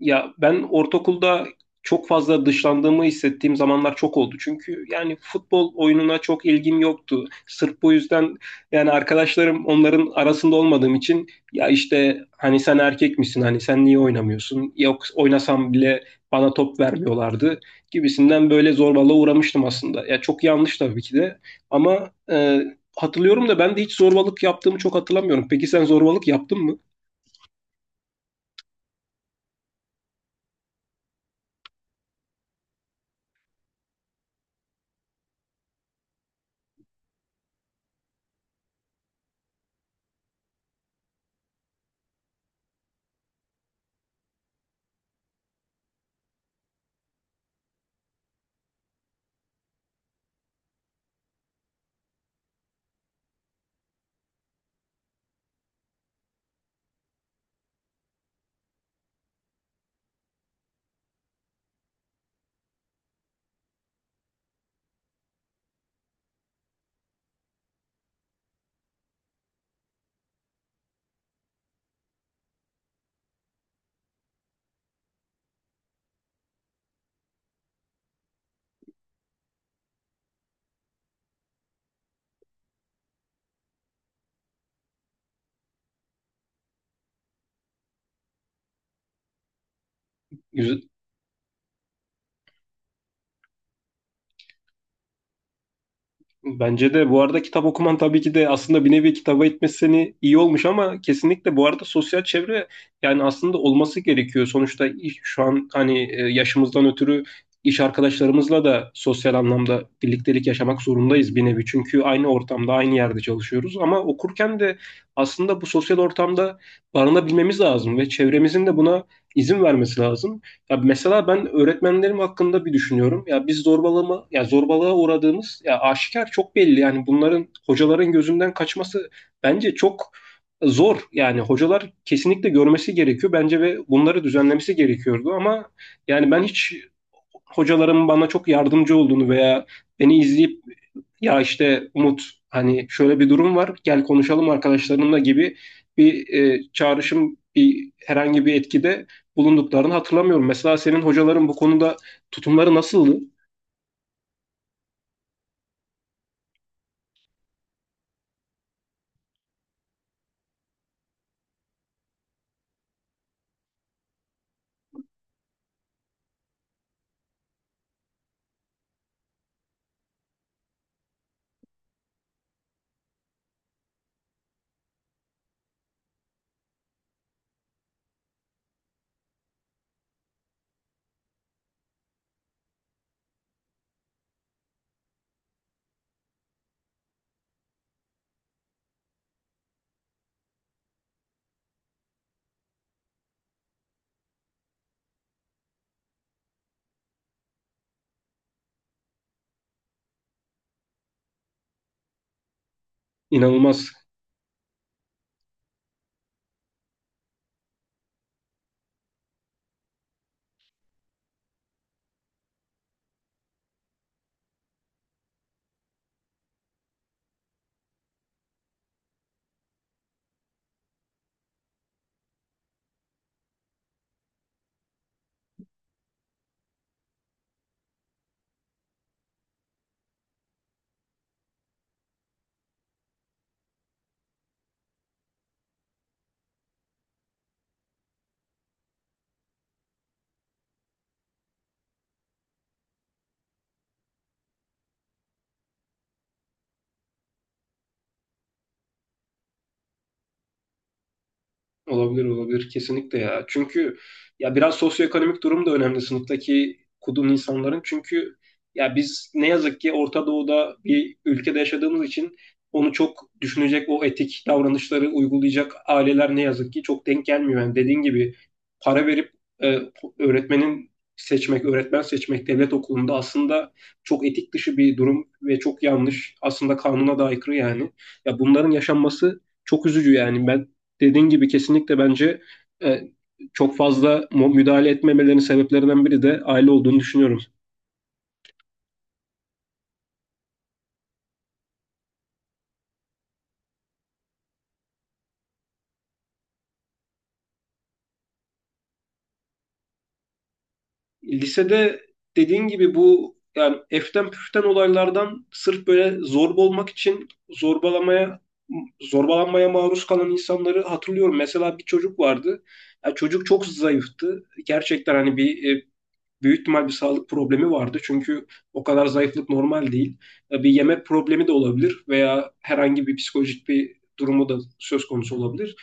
Ya ben ortaokulda çok fazla dışlandığımı hissettiğim zamanlar çok oldu. Çünkü yani futbol oyununa çok ilgim yoktu. Sırf bu yüzden yani arkadaşlarım onların arasında olmadığım için ya işte hani sen erkek misin, hani sen niye oynamıyorsun? Yok, oynasam bile bana top vermiyorlardı gibisinden böyle zorbalığa uğramıştım aslında. Ya çok yanlış tabii ki de ama hatırlıyorum da ben de hiç zorbalık yaptığımı çok hatırlamıyorum. Peki sen zorbalık yaptın mı? Bence de bu arada kitap okuman tabii ki de aslında bir nevi kitaba itmesi seni iyi olmuş ama kesinlikle bu arada sosyal çevre yani aslında olması gerekiyor. Sonuçta şu an hani yaşımızdan ötürü iş arkadaşlarımızla da sosyal anlamda birliktelik yaşamak zorundayız bir nevi. Çünkü aynı ortamda aynı yerde çalışıyoruz ama okurken de aslında bu sosyal ortamda barınabilmemiz lazım ve çevremizin de buna izin vermesi lazım. Ya mesela ben öğretmenlerim hakkında bir düşünüyorum. Ya biz ya zorbalığa uğradığımız ya aşikar, çok belli. Yani bunların hocaların gözünden kaçması bence çok zor. Yani hocalar kesinlikle görmesi gerekiyor bence ve bunları düzenlemesi gerekiyordu ama yani ben hiç hocalarım bana çok yardımcı olduğunu veya beni izleyip ya işte Umut, hani şöyle bir durum var, gel konuşalım arkadaşlarımla gibi bir çağrışım, bir herhangi bir etkide bulunduklarını hatırlamıyorum. Mesela senin hocaların bu konuda tutumları nasıldı? İnanılmaz. Olabilir, olabilir kesinlikle ya. Çünkü ya biraz sosyoekonomik durum da önemli sınıftaki kudum insanların. Çünkü ya biz ne yazık ki Orta Doğu'da bir ülkede yaşadığımız için onu çok düşünecek, o etik davranışları uygulayacak aileler ne yazık ki çok denk gelmiyor. Yani dediğin gibi para verip e, öğretmenin öğretmen seçmek devlet okulunda aslında çok etik dışı bir durum ve çok yanlış. Aslında kanuna da aykırı yani. Ya bunların yaşanması çok üzücü yani. Ben dediğin gibi kesinlikle bence e, çok fazla müdahale etmemelerinin sebeplerinden biri de aile olduğunu düşünüyorum. Lisede dediğin gibi bu yani eften püften olaylardan sırf böyle zorba olmak için zorbalanmaya maruz kalan insanları hatırlıyorum. Mesela bir çocuk vardı. Ya çocuk çok zayıftı. Gerçekten hani bir büyük ihtimal bir sağlık problemi vardı. Çünkü o kadar zayıflık normal değil. E, Bir yemek problemi de olabilir veya herhangi bir psikolojik bir durumu da söz konusu olabilir.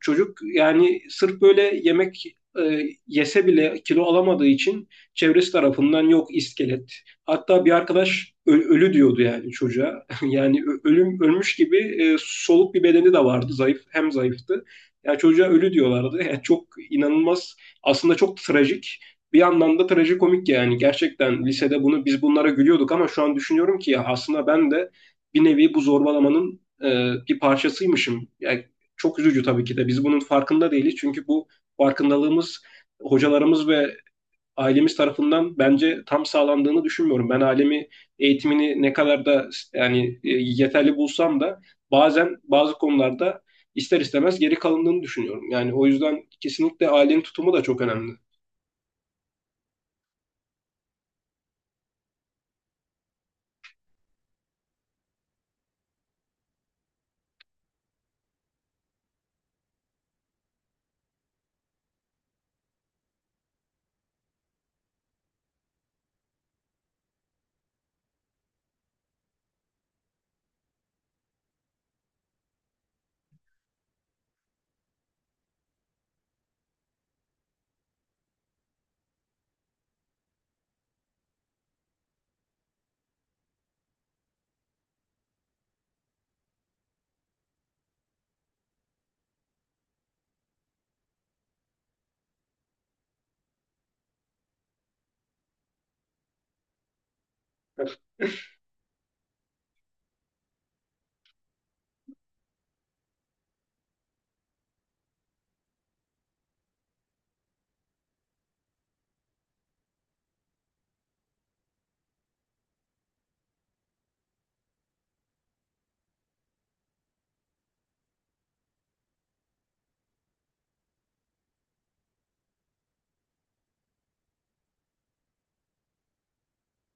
Çocuk yani sırf böyle yemek yese bile kilo alamadığı için çevresi tarafından yok iskelet. Hatta bir arkadaş ölü diyordu yani çocuğa. Yani ölüm ölmüş gibi soluk bir bedeni de vardı. Zayıf, hem zayıftı. Ya çocuğa ölü diyorlardı. Yani çok inanılmaz. Aslında çok trajik, bir yandan da trajikomik yani gerçekten lisede bunu bunlara gülüyorduk ama şu an düşünüyorum ki ya aslında ben de bir nevi bu zorbalamanın bir parçasıymışım. Yani çok üzücü tabii ki de biz bunun farkında değiliz çünkü bu farkındalığımız hocalarımız ve ailemiz tarafından bence tam sağlandığını düşünmüyorum. Ben ailemi eğitimini ne kadar da yani yeterli bulsam da bazen bazı konularda ister istemez geri kalındığını düşünüyorum. Yani o yüzden kesinlikle ailenin tutumu da çok önemli.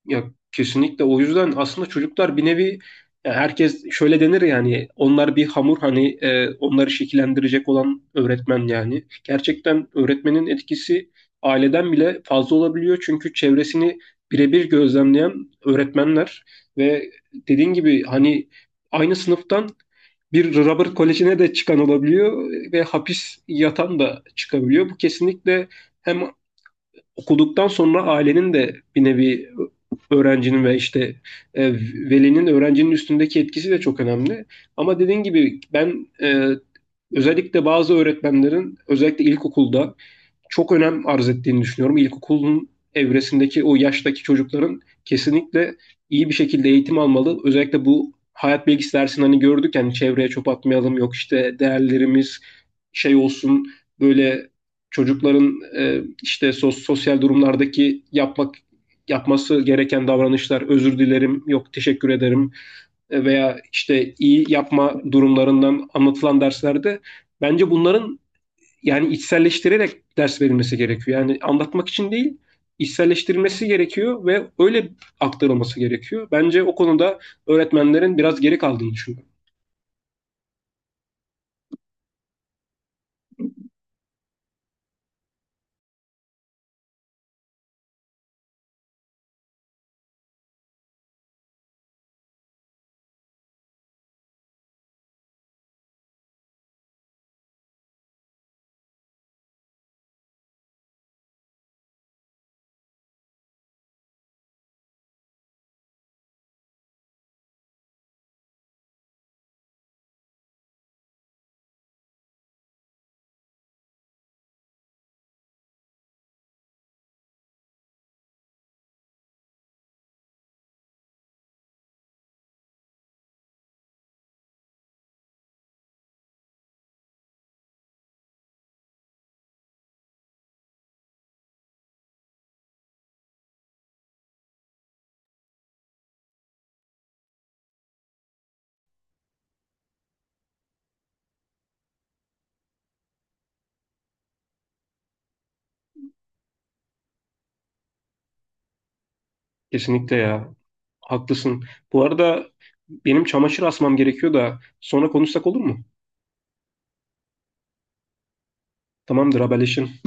Ya kesinlikle o yüzden aslında çocuklar bir nevi ya herkes şöyle denir yani, onlar bir hamur hani, onları şekillendirecek olan öğretmen yani. Gerçekten öğretmenin etkisi aileden bile fazla olabiliyor çünkü çevresini birebir gözlemleyen öğretmenler ve dediğin gibi hani aynı sınıftan bir Robert Koleji'ne de çıkan olabiliyor ve hapis yatan da çıkabiliyor. Bu kesinlikle hem okuduktan sonra ailenin de bir nevi öğrencinin ve işte e, velinin öğrencinin üstündeki etkisi de çok önemli. Ama dediğin gibi ben özellikle bazı öğretmenlerin özellikle ilkokulda çok önem arz ettiğini düşünüyorum. İlkokulun evresindeki o yaştaki çocukların kesinlikle iyi bir şekilde eğitim almalı. Özellikle bu hayat bilgisi dersini hani gördük yani, çevreye çöp atmayalım, yok işte değerlerimiz şey olsun, böyle çocukların işte sosyal durumlardaki yapması gereken davranışlar, özür dilerim, yok teşekkür ederim, veya işte iyi yapma durumlarından anlatılan derslerde bence bunların yani içselleştirerek ders verilmesi gerekiyor. Yani anlatmak için değil, içselleştirilmesi gerekiyor ve öyle aktarılması gerekiyor. Bence o konuda öğretmenlerin biraz geri kaldığını düşünüyorum. Kesinlikle ya. Haklısın. Bu arada benim çamaşır asmam gerekiyor da sonra konuşsak olur mu? Tamamdır, haberleşiriz.